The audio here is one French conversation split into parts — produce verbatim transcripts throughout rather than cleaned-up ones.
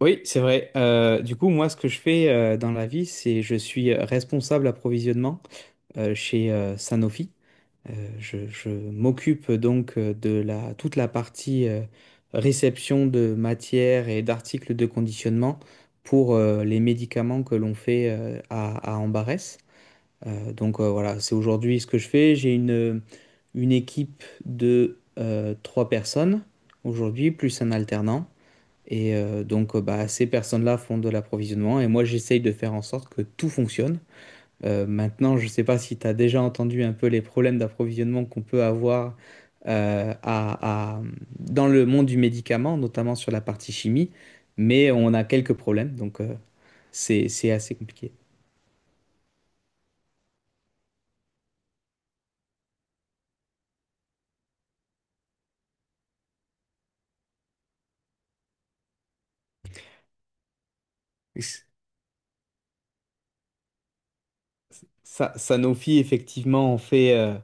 Oui, c'est vrai. Euh, du coup, moi, ce que je fais euh, dans la vie, c'est je suis responsable approvisionnement euh, chez euh, Sanofi. Euh, je je m'occupe donc euh, de la, toute la partie euh, réception de matières et d'articles de conditionnement pour euh, les médicaments que l'on fait euh, à, à Ambarès. Euh, donc euh, voilà, c'est aujourd'hui ce que je fais. J'ai une, une équipe de euh, trois personnes aujourd'hui, plus un alternant. Et euh, donc, euh, bah, ces personnes-là font de l'approvisionnement et moi, j'essaye de faire en sorte que tout fonctionne. Euh, maintenant, je ne sais pas si tu as déjà entendu un peu les problèmes d'approvisionnement qu'on peut avoir euh, à- à- dans le monde du médicament, notamment sur la partie chimie, mais on a quelques problèmes, donc euh, c'est c'est assez compliqué. Sa- Sanofi, effectivement, en fait, euh,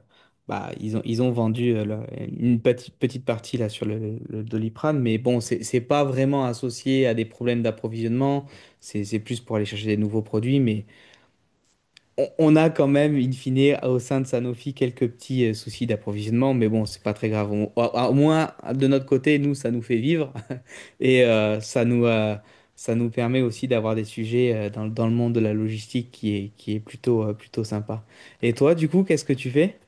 bah, ils ont, ils ont vendu euh, là, une petite, petite partie là, sur le, le Doliprane, mais bon, c'est c'est pas vraiment associé à des problèmes d'approvisionnement, c'est c'est plus pour aller chercher des nouveaux produits, mais on on a quand même, in fine, au sein de Sanofi, quelques petits euh, soucis d'approvisionnement, mais bon, c'est pas très grave. On- au, au moins, de notre côté, nous, ça nous fait vivre et euh, ça nous, euh, ça nous permet aussi d'avoir des sujets euh, dans, dans le monde de la logistique qui est, qui est plutôt, euh, plutôt sympa. Et toi, du coup, qu'est-ce que tu fais?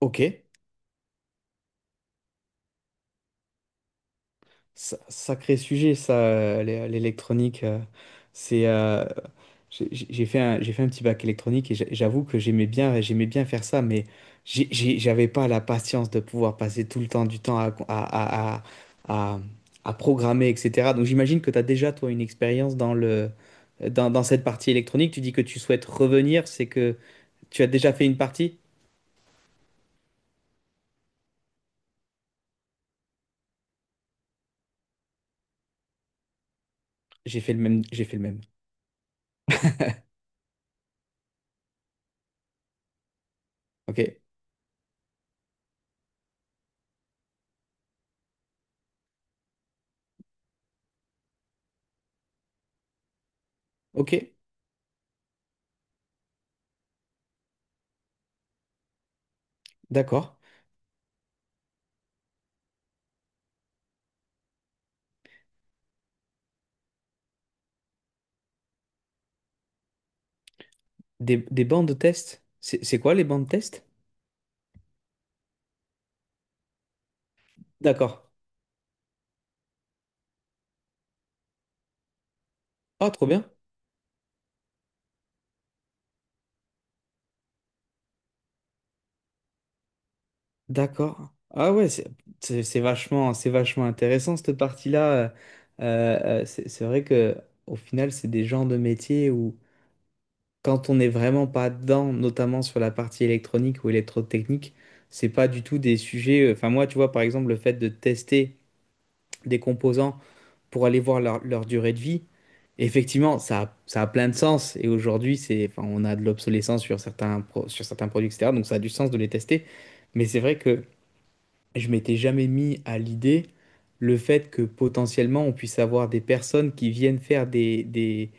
Ok. Sa- Sacré sujet, ça, euh, l'é- l'électronique. Euh, c'est, euh, j'ai j'ai- j'ai fait un, j'ai fait un petit bac électronique et j'a- j'avoue que j'aimais bien, j'aimais bien faire ça, mais j'ai- j'ai- j'avais pas la patience de pouvoir passer tout le temps du temps à, à, à, à, à- à programmer, et cetera. Donc j'imagine que tu as déjà, toi, une expérience dans le, dans, dans cette partie électronique. Tu dis que tu souhaites revenir, c'est que tu as déjà fait une partie? J'ai fait le même, j'ai fait le même. Ok, ok, d'accord. Des, des bancs de test? C'est c'est quoi les bancs de test? D'accord. Ah, trop bien. D'accord. Ah ouais, c'est c'est- c'est vachement, c'est vachement intéressant cette partie-là. Euh, euh, euh, c'est c'est vrai que au final, c'est des genres de métiers où quand on n'est vraiment pas dedans, notamment sur la partie électronique ou électrotechnique, c'est pas du tout des sujets. euh, Enfin moi, tu vois, par exemple, le fait de tester des composants pour aller voir leur, leur durée de vie, effectivement, ça a, ça a plein de sens. Et aujourd'hui, c'est, enfin, on a de l'obsolescence sur certains pro- sur certains produits, et cetera. Donc ça a du sens de les tester. Mais c'est vrai que je m'étais jamais mis à l'idée le fait que potentiellement on puisse avoir des personnes qui viennent faire des, des,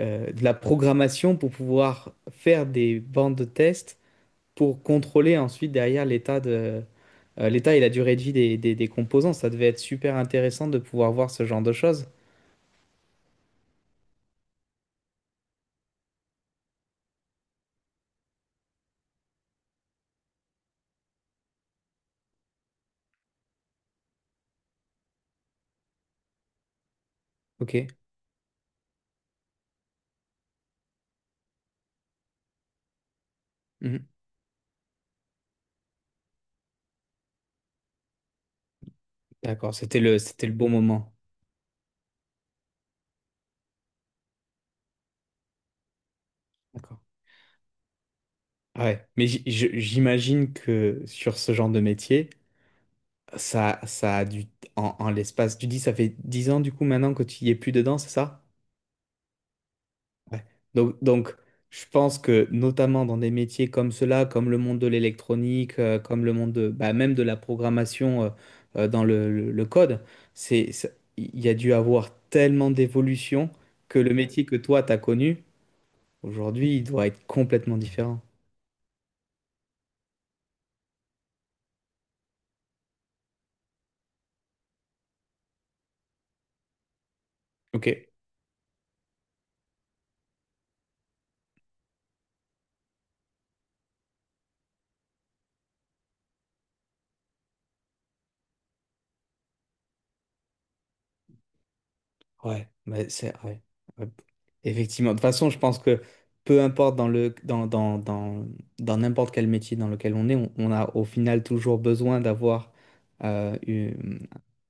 euh, de la programmation pour pouvoir faire des bandes de tests pour contrôler ensuite derrière l'état de, euh, l'état et la durée de vie des, des- des composants. Ça devait être super intéressant de pouvoir voir ce genre de choses. Ok. Mhm. D'accord, c'était le, c'était le bon moment. D'accord. Ah Ouais, mais j- je- j'imagine que sur ce genre de métier, Ça, ça a dû, en, en l'espace, tu dis, ça fait dix ans du coup maintenant que tu y es plus dedans, c'est ça? Ouais. Donc, donc, je pense que notamment dans des métiers comme cela, comme le monde de l'électronique, euh, comme le monde de, bah, même de la programmation euh, euh, dans le, le- le code, c'est, ça- il y a dû avoir tellement d'évolution que le métier que toi, t'as connu, aujourd'hui, il doit être complètement différent. Ok. Ouais, mais c'est ouais, ouais. Effectivement. De toute façon, je pense que peu importe dans le dans, dans, dans, dans n'importe quel métier dans lequel on est, on, on a au final toujours besoin d'avoir euh, une,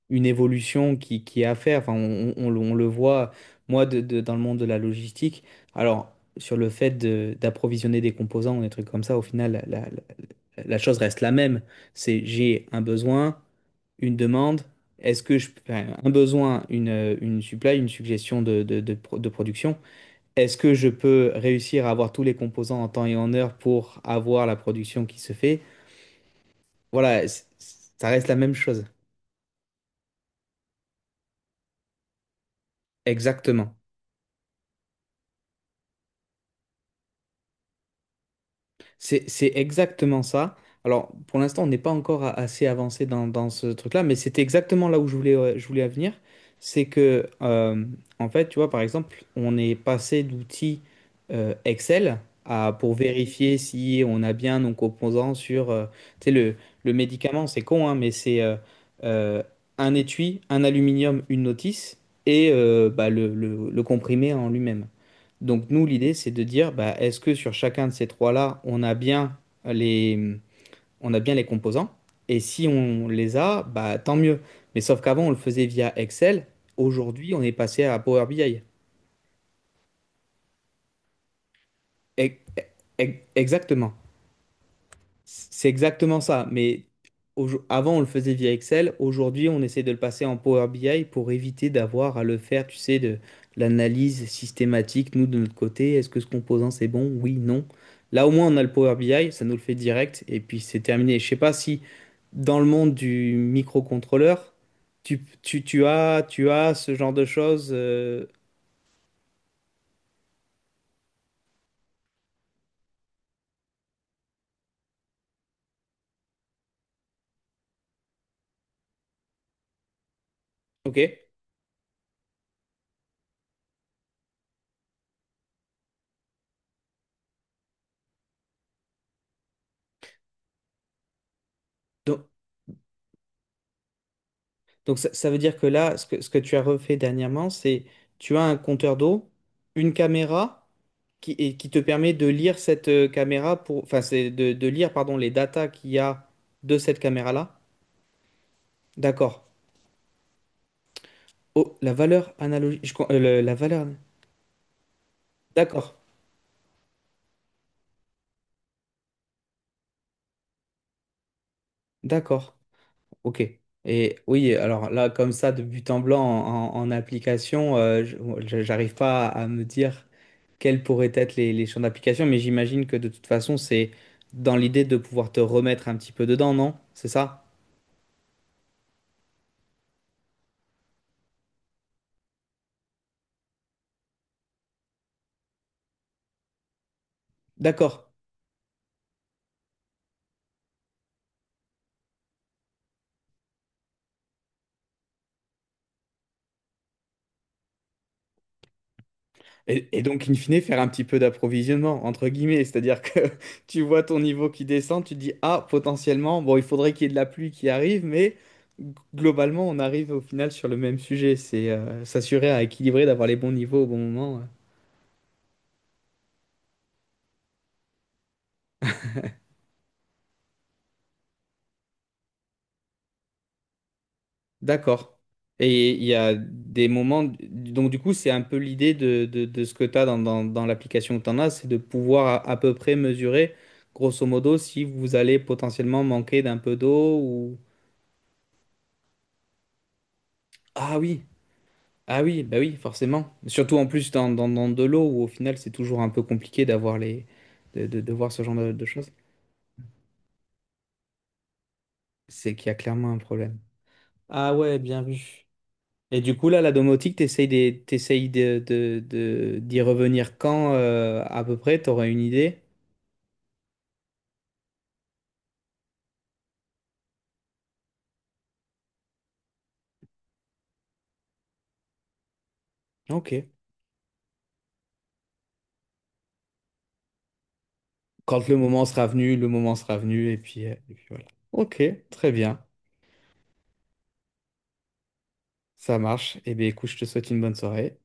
une évolution qui, qui est à faire. Enfin, on, on, on le on le voit, moi, de, de- dans le monde de la logistique. Alors, sur le fait de- d'approvisionner des composants ou des trucs comme ça, au final, la, la, la chose reste la même. C'est j'ai un besoin une demande, est-ce que je, enfin, un besoin, une, euh, une supply, une suggestion de, de, de pro- de production, est-ce que je peux réussir à avoir tous les composants en temps et en heure pour avoir la production qui se fait? Voilà, c- ça reste la même chose. Exactement. C'est, c'est exactement ça. Alors, pour l'instant, on n'est pas encore a- assez avancé dans, dans ce truc-là, mais c'était exactement là où je voulais, euh, je voulais venir. C'est que, euh, en fait, tu vois, par exemple, on est passé d'outils euh, Excel à, pour vérifier si on a bien nos composants sur, euh, tu sais, le, le médicament, c'est con, hein, mais c'est euh, euh, un étui, un aluminium, une notice et euh, bah, le, le le comprimé en lui-même. Donc nous, l'idée, c'est de dire, bah, est-ce que sur chacun de ces trois-là, on a bien les, on a bien les composants? Et si on les a, bah, tant mieux. Mais sauf qu'avant, on le faisait via Excel. Aujourd'hui, on est passé à Power B I. E- e- Exactement. C'est exactement ça, mais aujo- avant on le faisait via Excel, aujourd'hui on essaie de le passer en Power B I pour éviter d'avoir à le faire, tu sais, de l'analyse systématique, nous de notre côté, est-ce que ce composant c'est bon? Oui, non. Là au moins on a le Power B I, ça nous le fait direct et puis c'est terminé. Je sais pas si dans le monde du microcontrôleur, tu, tu, tu as, tu as ce genre de choses. euh, Ok. Donc, Donc ça, ça veut dire que là, ce que, ce que tu as refait dernièrement, c'est tu as un compteur d'eau, une caméra qui, et qui te permet de lire cette euh, caméra pour, enfin c'est de, de lire pardon les datas qu'il y a de cette caméra-là. D'accord. Oh, la valeur analogique, je com- euh, le- la valeur. D'accord, d'accord, ok. Et oui, alors là, comme ça, de but en blanc en, en- application, euh, je- j'arrive pas à me dire quels pourraient être les, les champs d'application, mais j'imagine que de toute façon, c'est dans l'idée de pouvoir te remettre un petit peu dedans, non? C'est ça? D'accord. Et, et donc, in fine, faire un petit peu d'approvisionnement, entre guillemets, c'est-à-dire que tu vois ton niveau qui descend, tu te dis, ah, potentiellement, bon, il faudrait qu'il y ait de la pluie qui arrive, mais g- globalement, on arrive au final sur le même sujet, c'est euh, s'assurer à équilibrer, d'avoir les bons niveaux au bon moment. euh. D'accord. Et il y a des moments, donc du coup, c'est un peu l'idée de, de, de ce que tu as dans, dans, dans l'application que tu en as, c'est de pouvoir à, à peu près mesurer, grosso modo, si vous allez potentiellement manquer d'un peu d'eau ou... Ah oui, ah oui, bah oui, forcément. Surtout en plus dans, dans, dans de l'eau où au final, c'est toujours un peu compliqué d'avoir les... de, de, de voir ce genre de, de choses. C'est qu'il y a clairement un problème. Ah ouais, bien vu. Et du coup, là, la domotique, t'essayes des, t'essayes de, de- de- d'y revenir quand, euh, à peu près, t'aurais une idée? Ok. Quand le moment sera venu, le moment sera venu, et puis, euh, et puis voilà. Ok, très bien, ça marche. Eh bien, écoute, je te souhaite une bonne soirée.